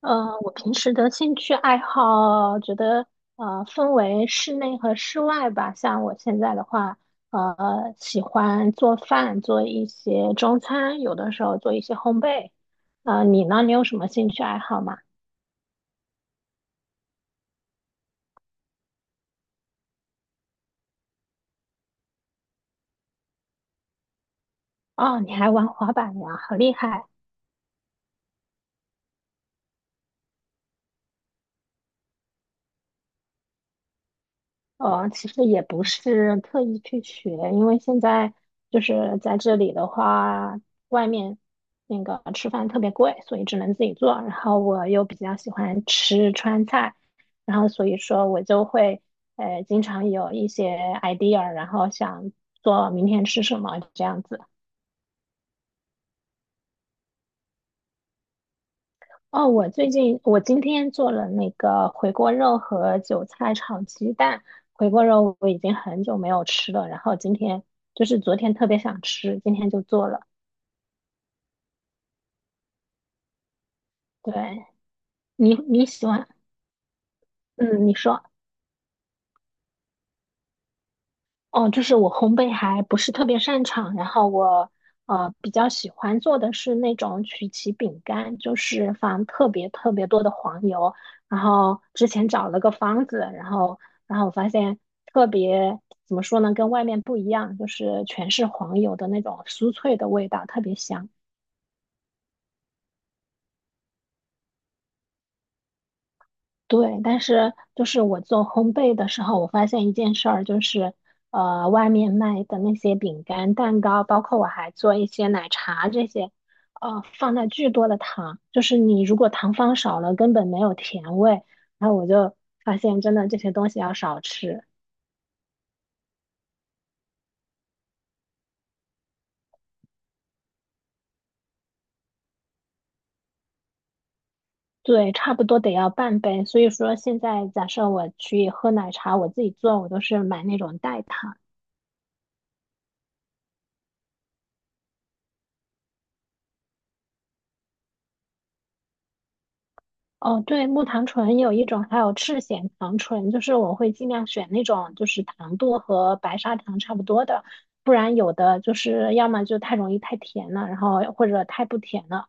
我平时的兴趣爱好，觉得分为室内和室外吧。像我现在的话，喜欢做饭，做一些中餐，有的时候做一些烘焙。你呢？你有什么兴趣爱好吗？哦，你还玩滑板呀，好厉害！其实也不是特意去学，因为现在就是在这里的话，外面那个吃饭特别贵，所以只能自己做。然后我又比较喜欢吃川菜，然后所以说我就会经常有一些 idea，然后想做明天吃什么这样子。哦，我最近我今天做了那个回锅肉和韭菜炒鸡蛋。回锅肉我已经很久没有吃了，然后今天就是昨天特别想吃，今天就做了。对，你喜欢？嗯，你说。哦，就是我烘焙还不是特别擅长，然后我比较喜欢做的是那种曲奇饼干，就是放特别特别多的黄油，然后之前找了个方子，然后我发现特别怎么说呢，跟外面不一样，就是全是黄油的那种酥脆的味道，特别香。对，但是就是我做烘焙的时候，我发现一件事儿，就是外面卖的那些饼干、蛋糕，包括我还做一些奶茶这些，放了巨多的糖，就是你如果糖放少了，根本没有甜味。然后我就发现，真的这些东西要少吃，对，差不多得要半杯。所以说，现在假设我去喝奶茶，我自己做，我都是买那种代糖。哦，对，木糖醇有一种，还有赤藓糖醇，就是我会尽量选那种就是糖度和白砂糖差不多的，不然有的就是要么就太容易太甜了，然后或者太不甜了。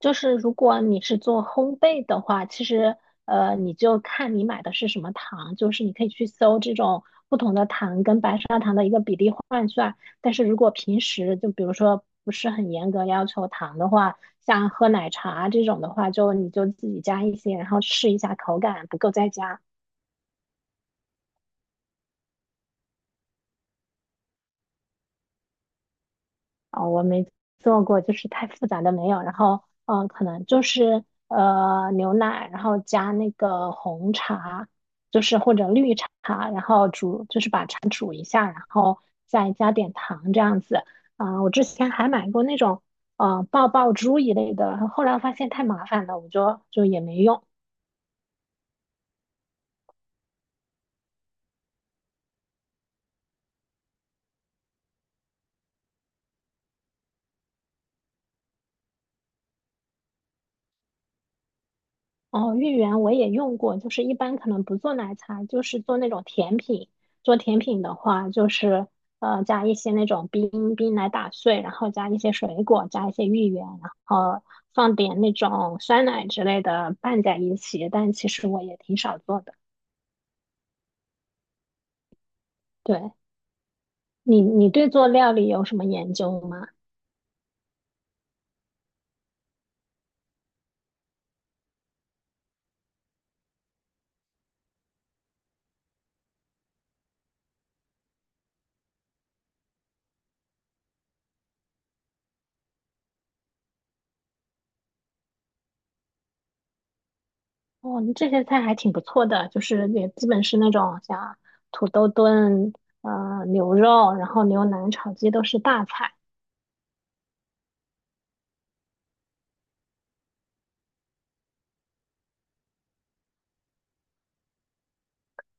就是如果你是做烘焙的话，其实你就看你买的是什么糖，就是你可以去搜这种不同的糖跟白砂糖的一个比例换算。但是如果平时就比如说不是很严格要求糖的话，像喝奶茶这种的话，就你就自己加一些，然后试一下口感，不够再加。啊、我没做过，就是太复杂的没有。然后，嗯、可能就是牛奶，然后加那个红茶，就是或者绿茶，然后煮，就是把茶煮一下，然后再加点糖这样子。啊、我之前还买过那种爆爆珠一类的，后来发现太麻烦了，我就也没用。哦，芋圆我也用过，就是一般可能不做奶茶，就是做那种甜品。做甜品的话，就是加一些那种冰冰奶打碎，然后加一些水果，加一些芋圆，然后放点那种酸奶之类的拌在一起。但其实我也挺少做的。对，你对做料理有什么研究吗？哦，你这些菜还挺不错的，就是也基本是那种像土豆炖牛肉，然后牛腩炒鸡都是大菜。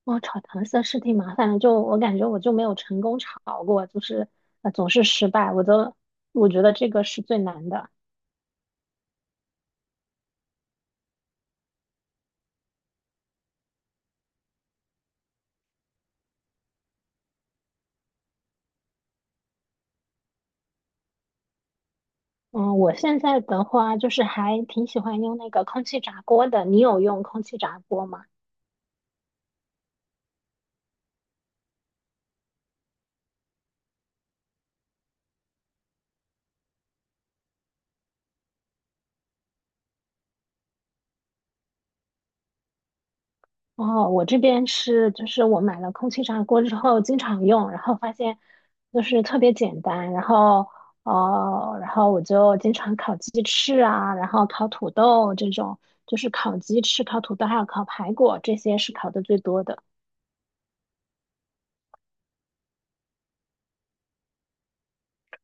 哇，炒糖色是挺麻烦的，就我感觉我就没有成功炒过，就是总是失败，我觉得这个是最难的。嗯，我现在的话就是还挺喜欢用那个空气炸锅的，你有用空气炸锅吗？哦，我这边是就是我买了空气炸锅之后经常用，然后发现就是特别简单，然后然后我就经常烤鸡翅啊，然后烤土豆这种，就是烤鸡翅、烤土豆还有烤排骨，这些是烤的最多的。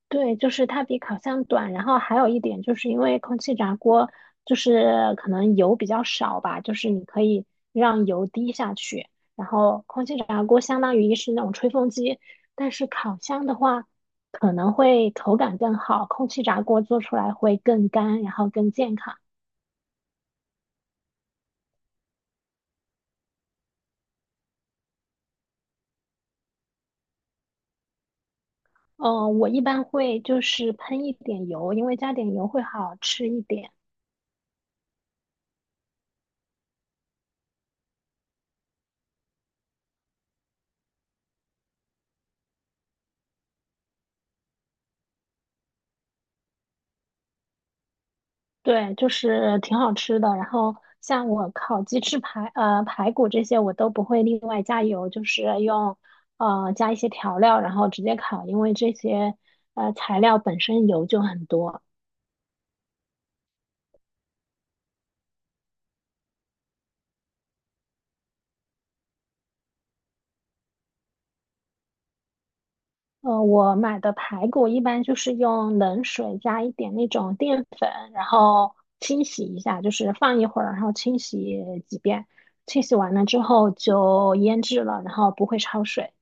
对，就是它比烤箱短，然后还有一点就是因为空气炸锅就是可能油比较少吧，就是你可以让油滴下去，然后空气炸锅相当于是那种吹风机，但是烤箱的话可能会口感更好，空气炸锅做出来会更干，然后更健康。嗯、我一般会就是喷一点油，因为加点油会好吃一点。对，就是挺好吃的。然后像我烤鸡翅排、排骨这些，我都不会另外加油，就是用加一些调料，然后直接烤，因为这些材料本身油就很多。我买的排骨一般就是用冷水加一点那种淀粉，然后清洗一下，就是放一会儿，然后清洗几遍。清洗完了之后就腌制了，然后不会焯水。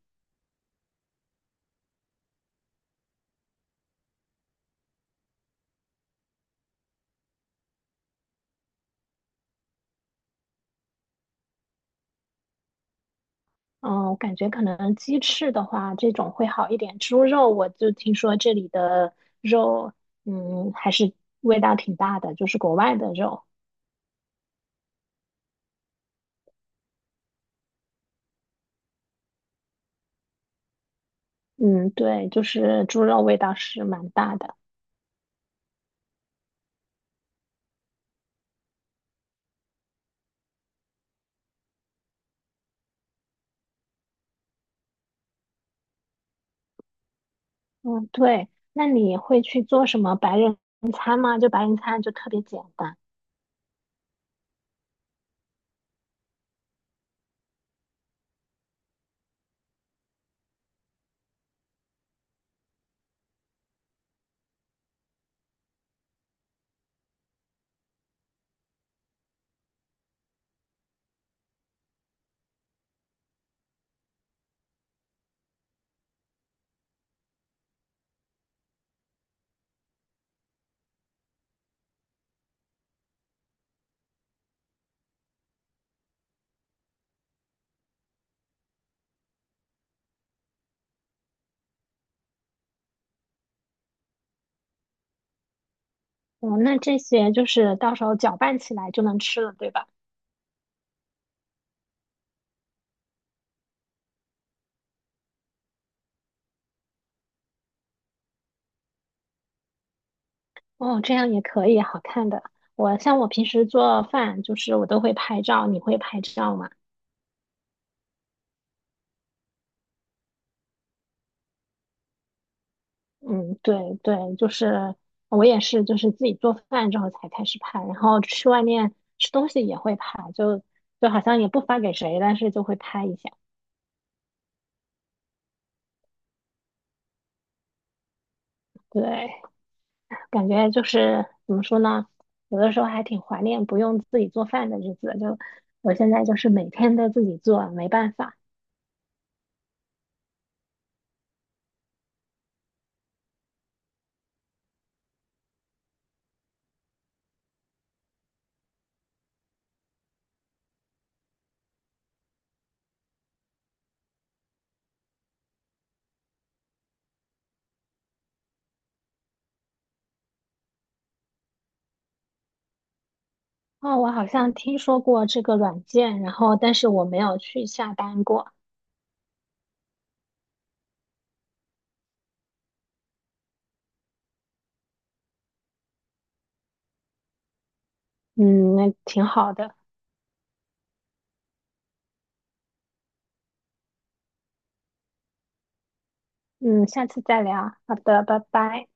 嗯，我感觉可能鸡翅的话，这种会好一点。猪肉我就听说这里的肉，嗯，还是味道挺大的，就是国外的肉。嗯，对，就是猪肉味道是蛮大的。嗯，对。那你会去做什么白人餐吗？就白人餐就特别简单。哦，那这些就是到时候搅拌起来就能吃了，对吧？哦，这样也可以，好看的。我像我平时做饭，就是我都会拍照，你会拍照吗？嗯，对对，就是我也是，就是自己做饭之后才开始拍，然后去外面吃东西也会拍，就好像也不发给谁，但是就会拍一下。对，感觉就是怎么说呢，有的时候还挺怀念不用自己做饭的日子。就我现在就是每天都自己做，没办法。哦，我好像听说过这个软件，然后但是我没有去下单过。嗯，那挺好的。嗯，下次再聊。好的，拜拜。